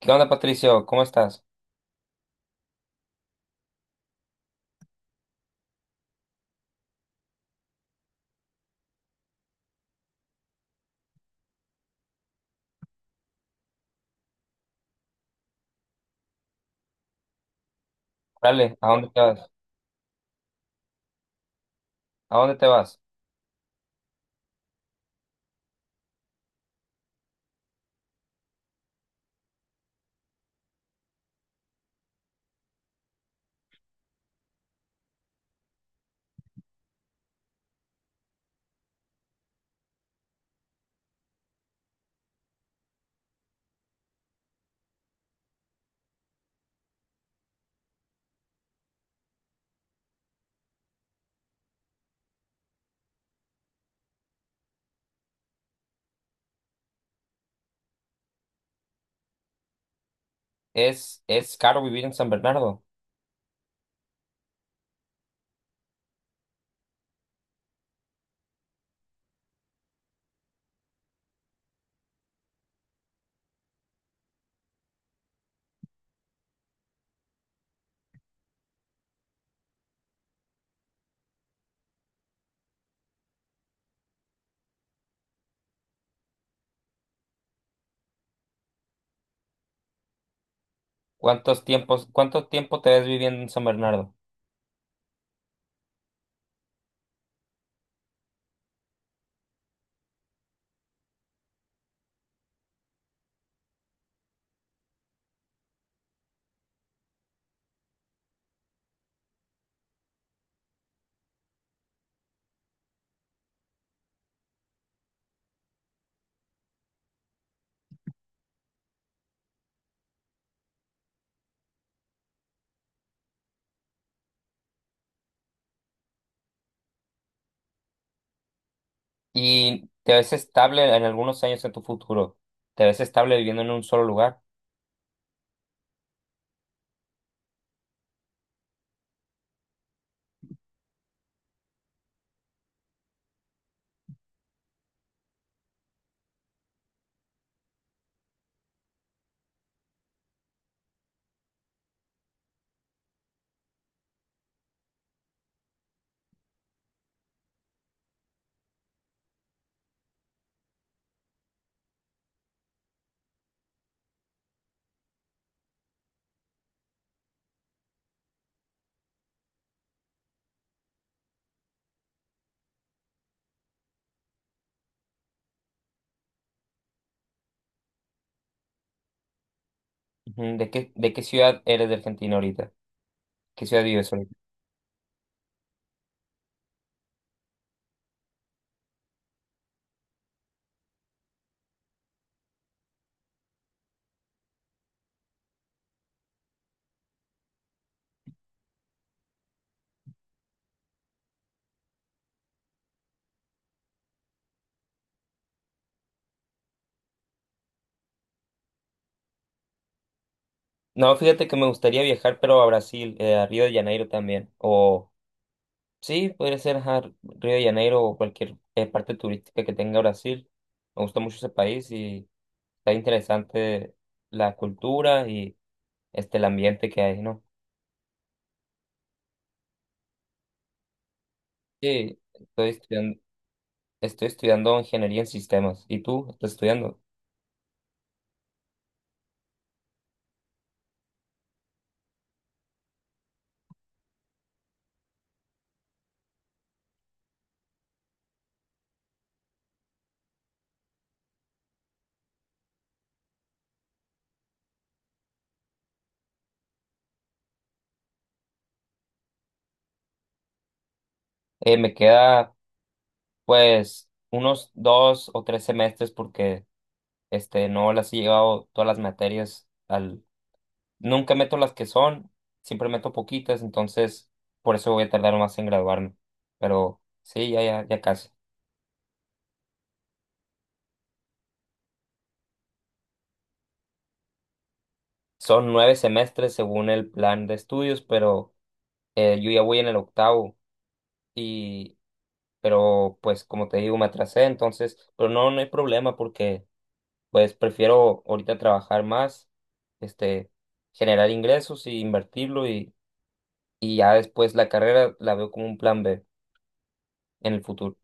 ¿Qué onda, Patricio? ¿Cómo estás? Dale, ¿a dónde te vas? ¿A dónde te vas? Es caro vivir en San Bernardo. ¿Cuánto tiempo te ves viviendo en San Bernardo? ¿Y te ves estable en algunos años en tu futuro? ¿Te ves estable viviendo en un solo lugar? Ujú. ¿De qué ciudad eres de Argentina ahorita? ¿Qué ciudad vives ahorita? No, fíjate que me gustaría viajar, pero a Brasil, a Río de Janeiro también. O sí, podría ser, ajá, Río de Janeiro o cualquier parte turística que tenga Brasil. Me gusta mucho ese país y está interesante la cultura y el ambiente que hay, ¿no? Sí, estoy estudiando ingeniería en sistemas. ¿Y tú? ¿Estás estudiando? Me queda pues unos 2 o 3 semestres porque no las he llevado todas las materias al. Nunca meto las que son, siempre meto poquitas, entonces por eso voy a tardar más en graduarme. Pero sí, ya, ya, ya casi. Son 9 semestres según el plan de estudios, pero yo ya voy en el octavo. Y pero pues como te digo, me atrasé, entonces pero no hay problema porque pues prefiero ahorita trabajar más, este generar ingresos y invertirlo, y ya después la carrera la veo como un plan B en el futuro.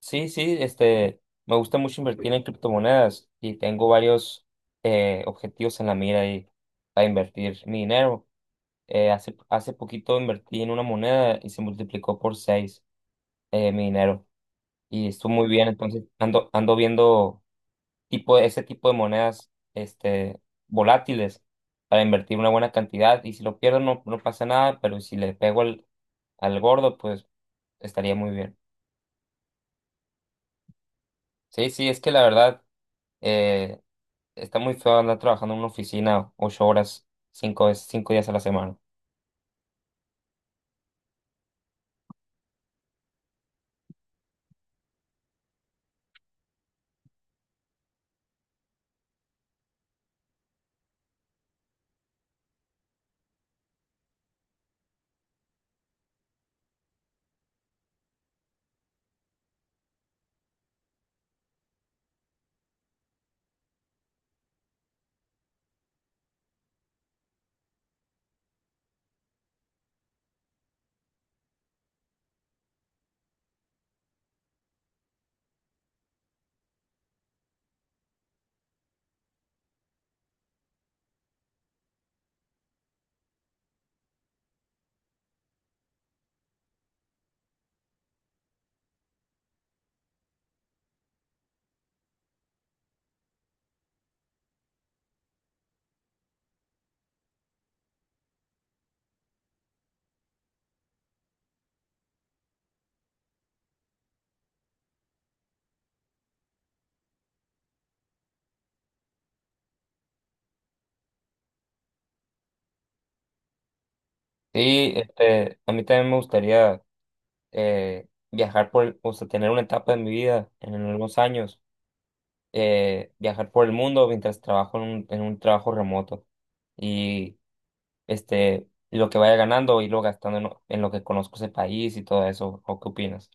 Sí, sí, me gusta mucho invertir en criptomonedas y tengo varios objetivos en la mira y para invertir mi dinero. Hace poquito invertí en una moneda y se multiplicó por seis, mi dinero, y estuvo muy bien. Entonces ando viendo, ese tipo de monedas, volátiles, para invertir una buena cantidad. Y si lo pierdo, no pasa nada, pero si le pego al gordo, pues estaría muy bien. Sí, sí, es que la verdad eh, está muy feo andar trabajando en una oficina 8 horas, 5 días a la semana. Sí, a mí también me gustaría viajar o sea, tener una etapa de mi vida en algunos años, viajar por el mundo mientras trabajo en un trabajo remoto y, lo que vaya ganando, irlo gastando en lo que conozco ese país y todo eso. ¿O qué opinas?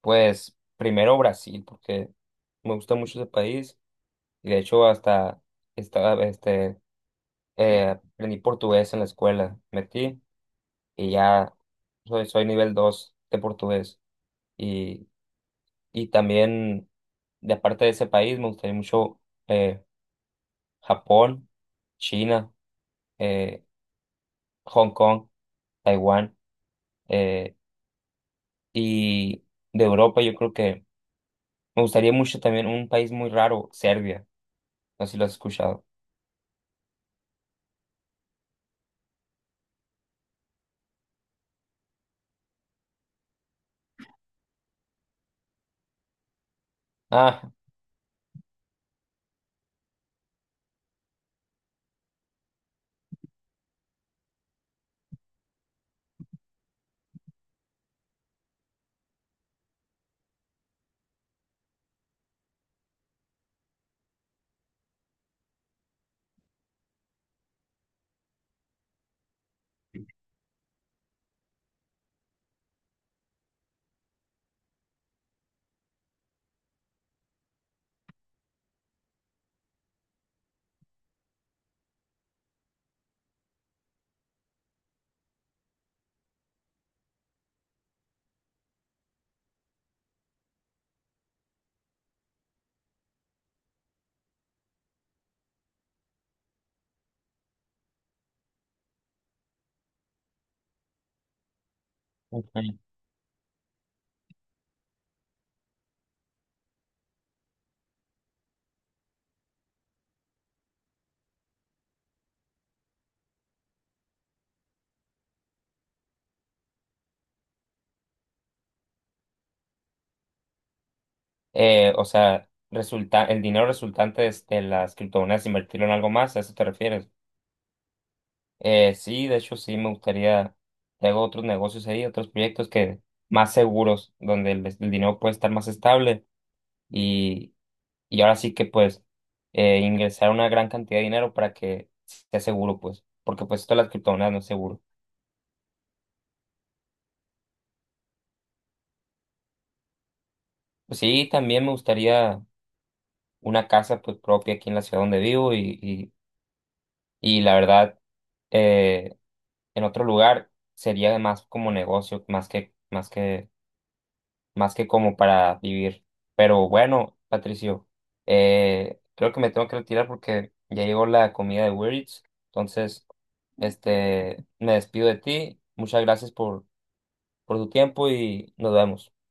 Pues primero Brasil, porque me gusta mucho ese país, y de hecho hasta estaba, este, eh, aprendí portugués en la escuela, metí, y ya soy nivel 2 de portugués, y, y también, de aparte de ese país, me gustaría mucho eh, Japón, China, eh, Hong Kong, Taiwán, eh, y de Europa yo creo que me gustaría mucho también un país muy raro, Serbia. No sé si lo has escuchado. Ah, ok. O sea, resulta, el dinero resultante de las criptomonedas, invertirlo en algo más, ¿a eso te refieres? Sí, de hecho sí me gustaría, tengo otros negocios ahí, otros proyectos que más seguros, donde el dinero puede estar más estable, y y ahora sí que pues ingresar una gran cantidad de dinero para que sea seguro, pues, porque pues esto de las criptomonedas no es seguro. Pues sí, también me gustaría una casa pues propia aquí en la ciudad donde vivo, y la verdad eh, en otro lugar sería más como negocio, más que como para vivir. Pero bueno, Patricio, creo que me tengo que retirar porque ya llegó la comida de Uber Eats, entonces. Me despido de ti. Muchas gracias por tu tiempo y nos vemos.